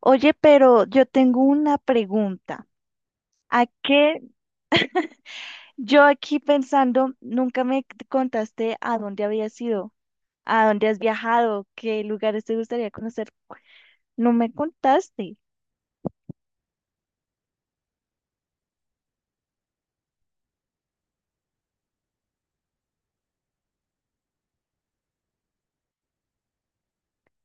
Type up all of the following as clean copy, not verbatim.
Oye, pero yo tengo una pregunta. ¿A qué? Yo aquí pensando, nunca contaste a dónde habías ido, a dónde has viajado, qué lugares te gustaría conocer. No me contaste.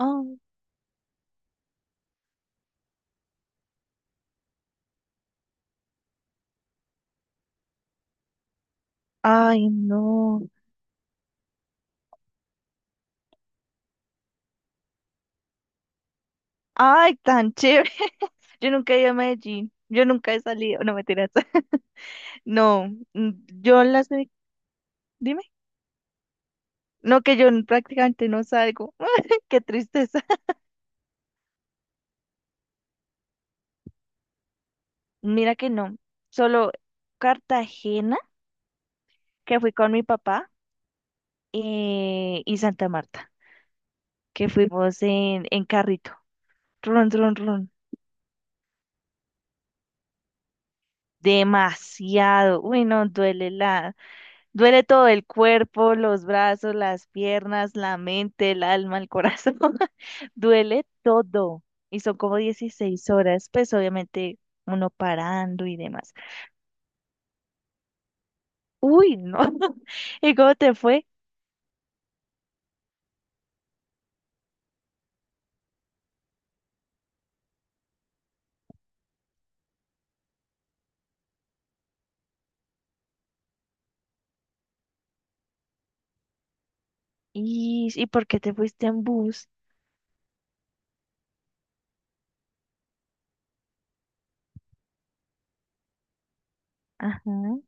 Oh, ay, no. Ay, tan chévere. Yo nunca he ido a Medellín. Yo nunca he salido. No, mentiras. No, yo las... de- Dime. No, que yo prácticamente no salgo. Qué tristeza. Mira que no. Solo Cartagena, que fui con mi papá, y Santa Marta, que fuimos en carrito. Run, run, run. Demasiado. Uy, no, duele todo el cuerpo, los brazos, las piernas, la mente, el alma, el corazón. Duele todo. Y son como 16 horas, pues obviamente uno parando y demás. Uy, no. ¿Y cómo te fue? ¿Y por qué te fuiste en bus? Ajá.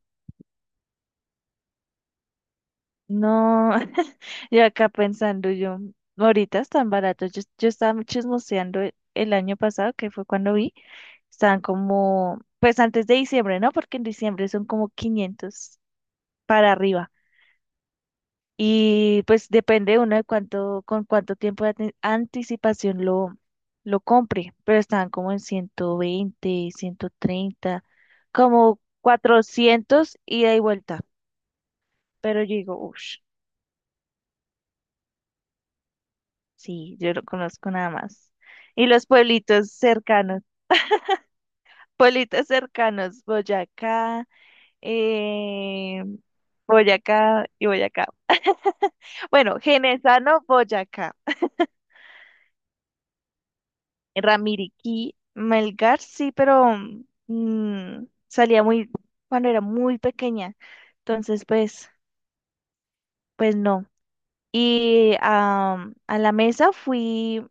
No, yo acá pensando yo, ahorita están baratos. Yo estaba chismoseando el año pasado, que fue cuando vi, estaban como, pues antes de diciembre, ¿no? Porque en diciembre son como 500 para arriba. Y pues depende uno de cuánto, con cuánto tiempo de anticipación lo compre, pero estaban como en 120 130 como 400 ida y vuelta. Pero yo digo, uff, sí, yo no conozco nada más. Y los pueblitos cercanos, Boyacá, eh, Boyacá y Boyacá. Bueno, Genesano, Boyacá. Ramiriquí, Melgar, sí, pero salía muy, cuando era muy pequeña. Entonces, pues, pues no. Y a la mesa fui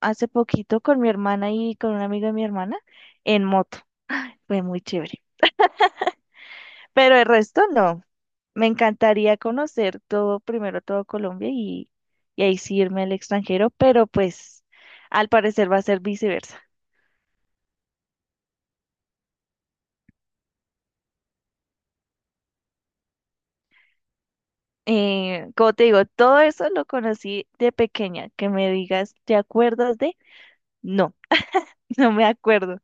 hace poquito con mi hermana y con un amigo de mi hermana en moto. Fue muy chévere. Pero el resto no. Me encantaría conocer todo, primero todo Colombia y ahí sí irme al extranjero, pero pues al parecer va a ser viceversa. Como te digo, todo eso lo conocí de pequeña. Que me digas, ¿te acuerdas de? No, no me acuerdo.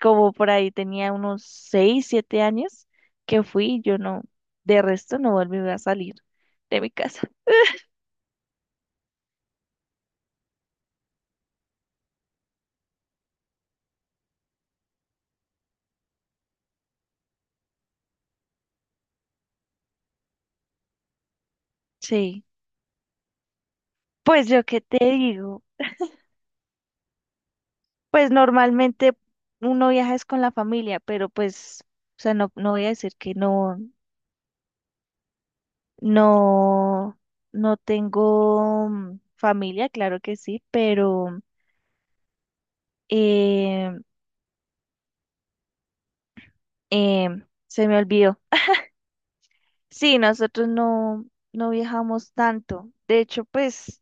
Como por ahí tenía unos 6, 7 años que fui, yo no, de resto no volví a salir de mi casa. Sí, pues yo qué te digo, pues normalmente uno viaja es con la familia, pero pues, o sea, no, no voy a decir que no, No, no tengo familia, claro que sí, pero eh, eh, se me olvidó. Sí, nosotros no viajamos tanto. De hecho, pues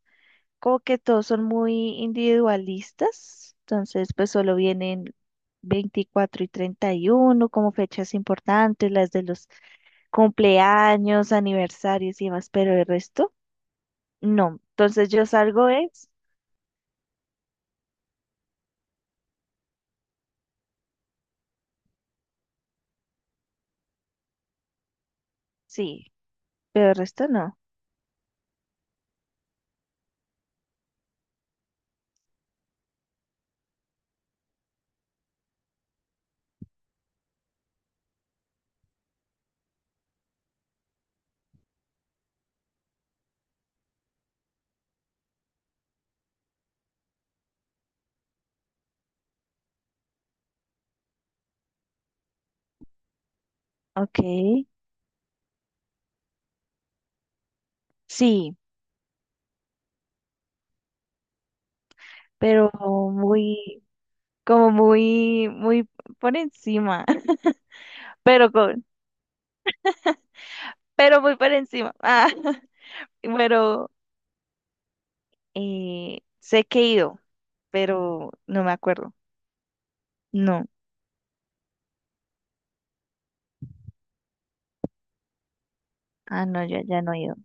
como que todos son muy individualistas, entonces pues solo vienen 24 y 31 como fechas importantes, las de los cumpleaños, aniversarios y demás, pero el resto no. Entonces yo salgo es, sí, pero el resto no. Okay, sí, pero muy, como muy, muy por encima, pero con, pero muy por encima. Ah, pero sé que he ido, pero no me acuerdo. No, ah, no, ya, ya no he ido.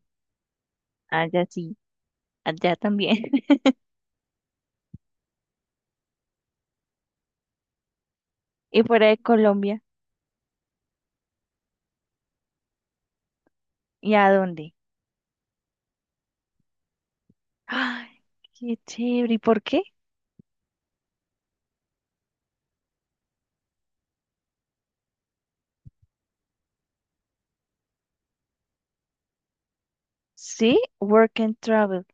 Allá sí, allá también. ¿Y fuera de Colombia? ¿Y a dónde? Ay, qué chévere. ¿Y por qué? Sí, Work and Travel.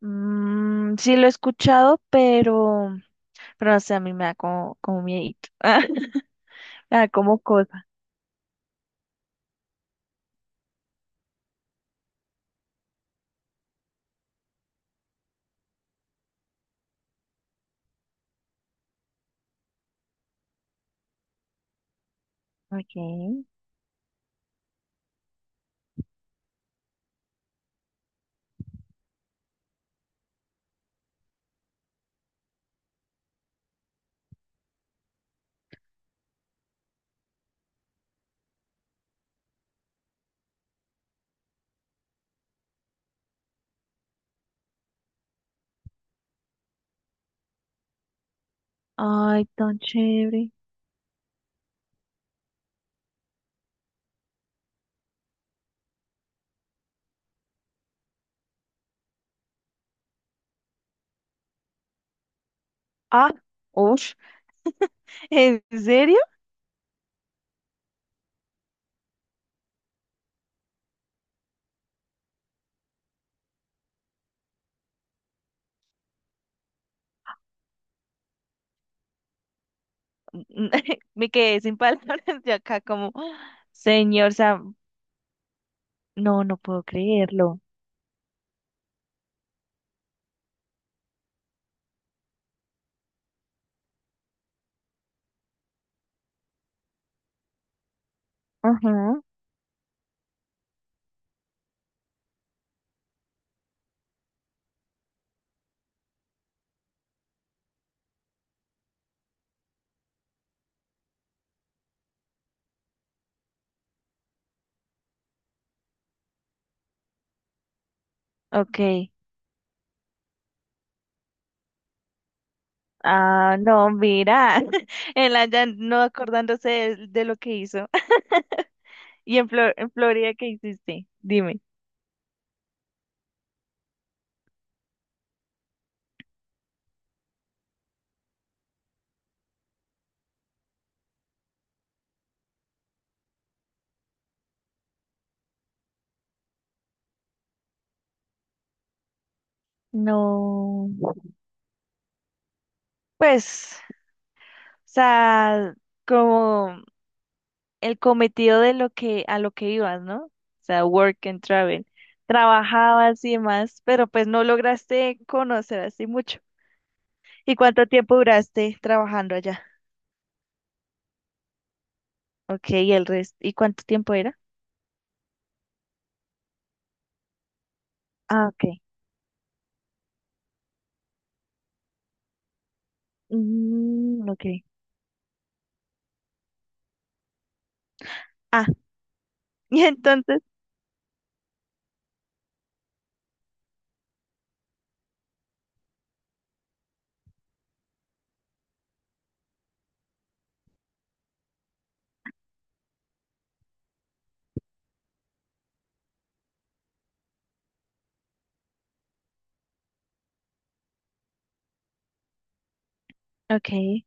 Mm, sí lo he escuchado, pero no sé, a mí me da como, como miedito. Me da como cosa. Ok. Ay, tan chévere. Ah, uff. ¿En serio? Me quedé sin palabras de acá como, señor Sam. No, no puedo creerlo. Ajá. Ok. Ah, no, mira. El ya no acordándose de lo que hizo. ¿Y en Florida qué hiciste? Dime. No. Pues, o sea, como. El cometido de lo que a lo que ibas, ¿no? O sea, work and travel. Trabajabas y demás, pero pues no lograste conocer así mucho. ¿Y cuánto tiempo duraste trabajando allá? Ok, y el resto, ¿y cuánto tiempo era? Ah, ok. Mm, ok. Ah, y entonces, ok.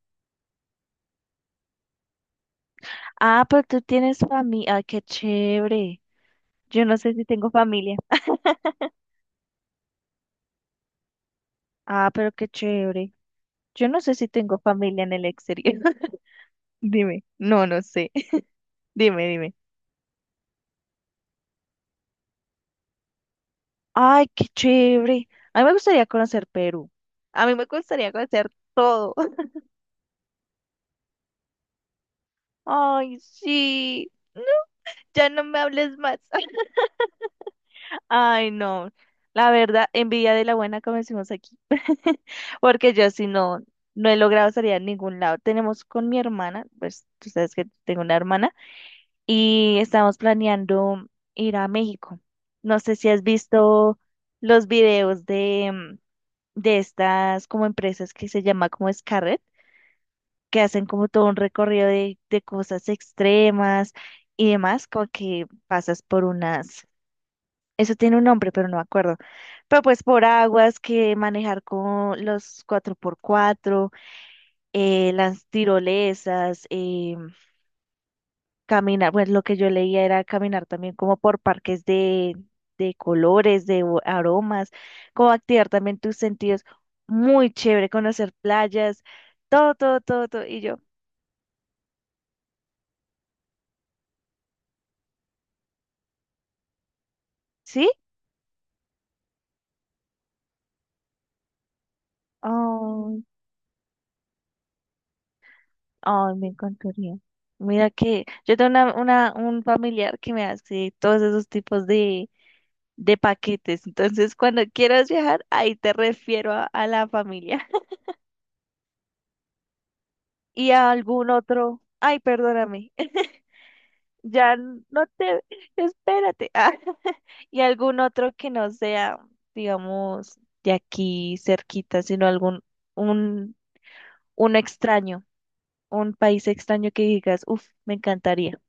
Ah, pero tú tienes familia. Ah, qué chévere. Yo no sé si tengo familia. Ah, pero qué chévere. Yo no sé si tengo familia en el exterior. Dime. No, no sé. Dime, dime. Ay, qué chévere. A mí me gustaría conocer Perú. A mí me gustaría conocer todo. Ay, sí. No, ya no me hables más. Ay, no. La verdad, envidia de la buena, como decimos aquí. Porque yo si no, no he logrado salir a ningún lado. Tenemos con mi hermana, pues tú sabes que tengo una hermana, y estamos planeando ir a México. No sé si has visto los videos de, estas como empresas que se llama como Scarrett, que hacen como todo un recorrido de cosas extremas y demás, como que pasas por unas, eso tiene un nombre, pero no me acuerdo, pero pues por aguas que manejar con los cuatro por cuatro las tirolesas, caminar, pues lo que yo leía era caminar también como por parques de colores, de aromas, como activar también tus sentidos. Muy chévere conocer playas, todo, todo, todo, todo. Y yo, ¿sí? Ay, ay, me encantaría. Mira que yo tengo un familiar que me hace todos esos tipos de paquetes. Entonces, cuando quieras viajar, ahí te refiero a la familia. Y a algún otro, ay, perdóname, ya no te, espérate. Ah, y algún otro que no sea, digamos, de aquí cerquita, sino algún, un, un extraño, un país extraño que digas, uff, me encantaría.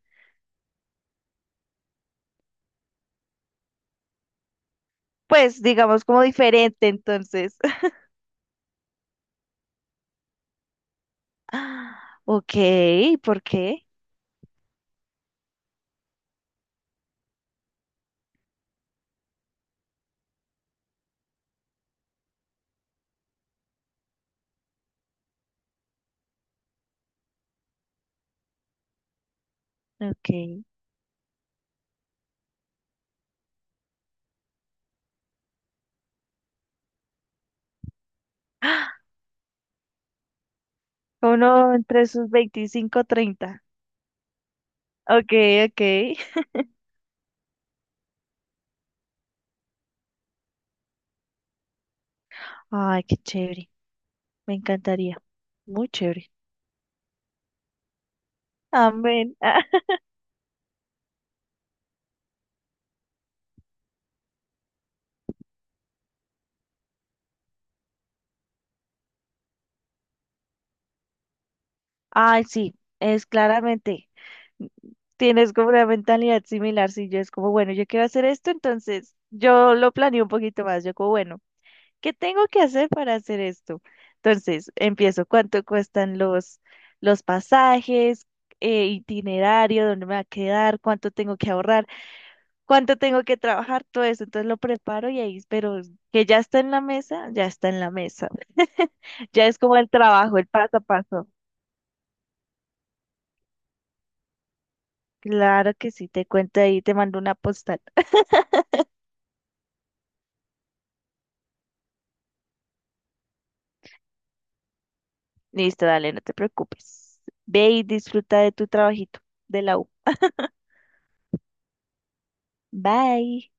Pues, digamos, como diferente, entonces. Ah, ok, ¿por qué? Ok. Uno entre sus 25, 30 ok, ok. Ay, qué chévere. Me encantaría. Muy chévere. Amén. Ay, sí, es claramente, mm, tienes como una mentalidad similar. Sí, yo es como, bueno, yo quiero hacer esto, entonces yo lo planeo un poquito más, yo como, bueno, ¿qué tengo que hacer para hacer esto? Entonces empiezo, ¿cuánto cuestan los pasajes, itinerario, dónde me va a quedar, cuánto tengo que ahorrar, cuánto tengo que trabajar, todo eso, entonces lo preparo y ahí, pero que ya está en la mesa, ya está en la mesa, ya es como el trabajo, el paso a paso. Claro que sí, te cuento ahí, te mando una postal. Listo, dale, no te preocupes. Ve y disfruta de tu trabajito de la U. Bye.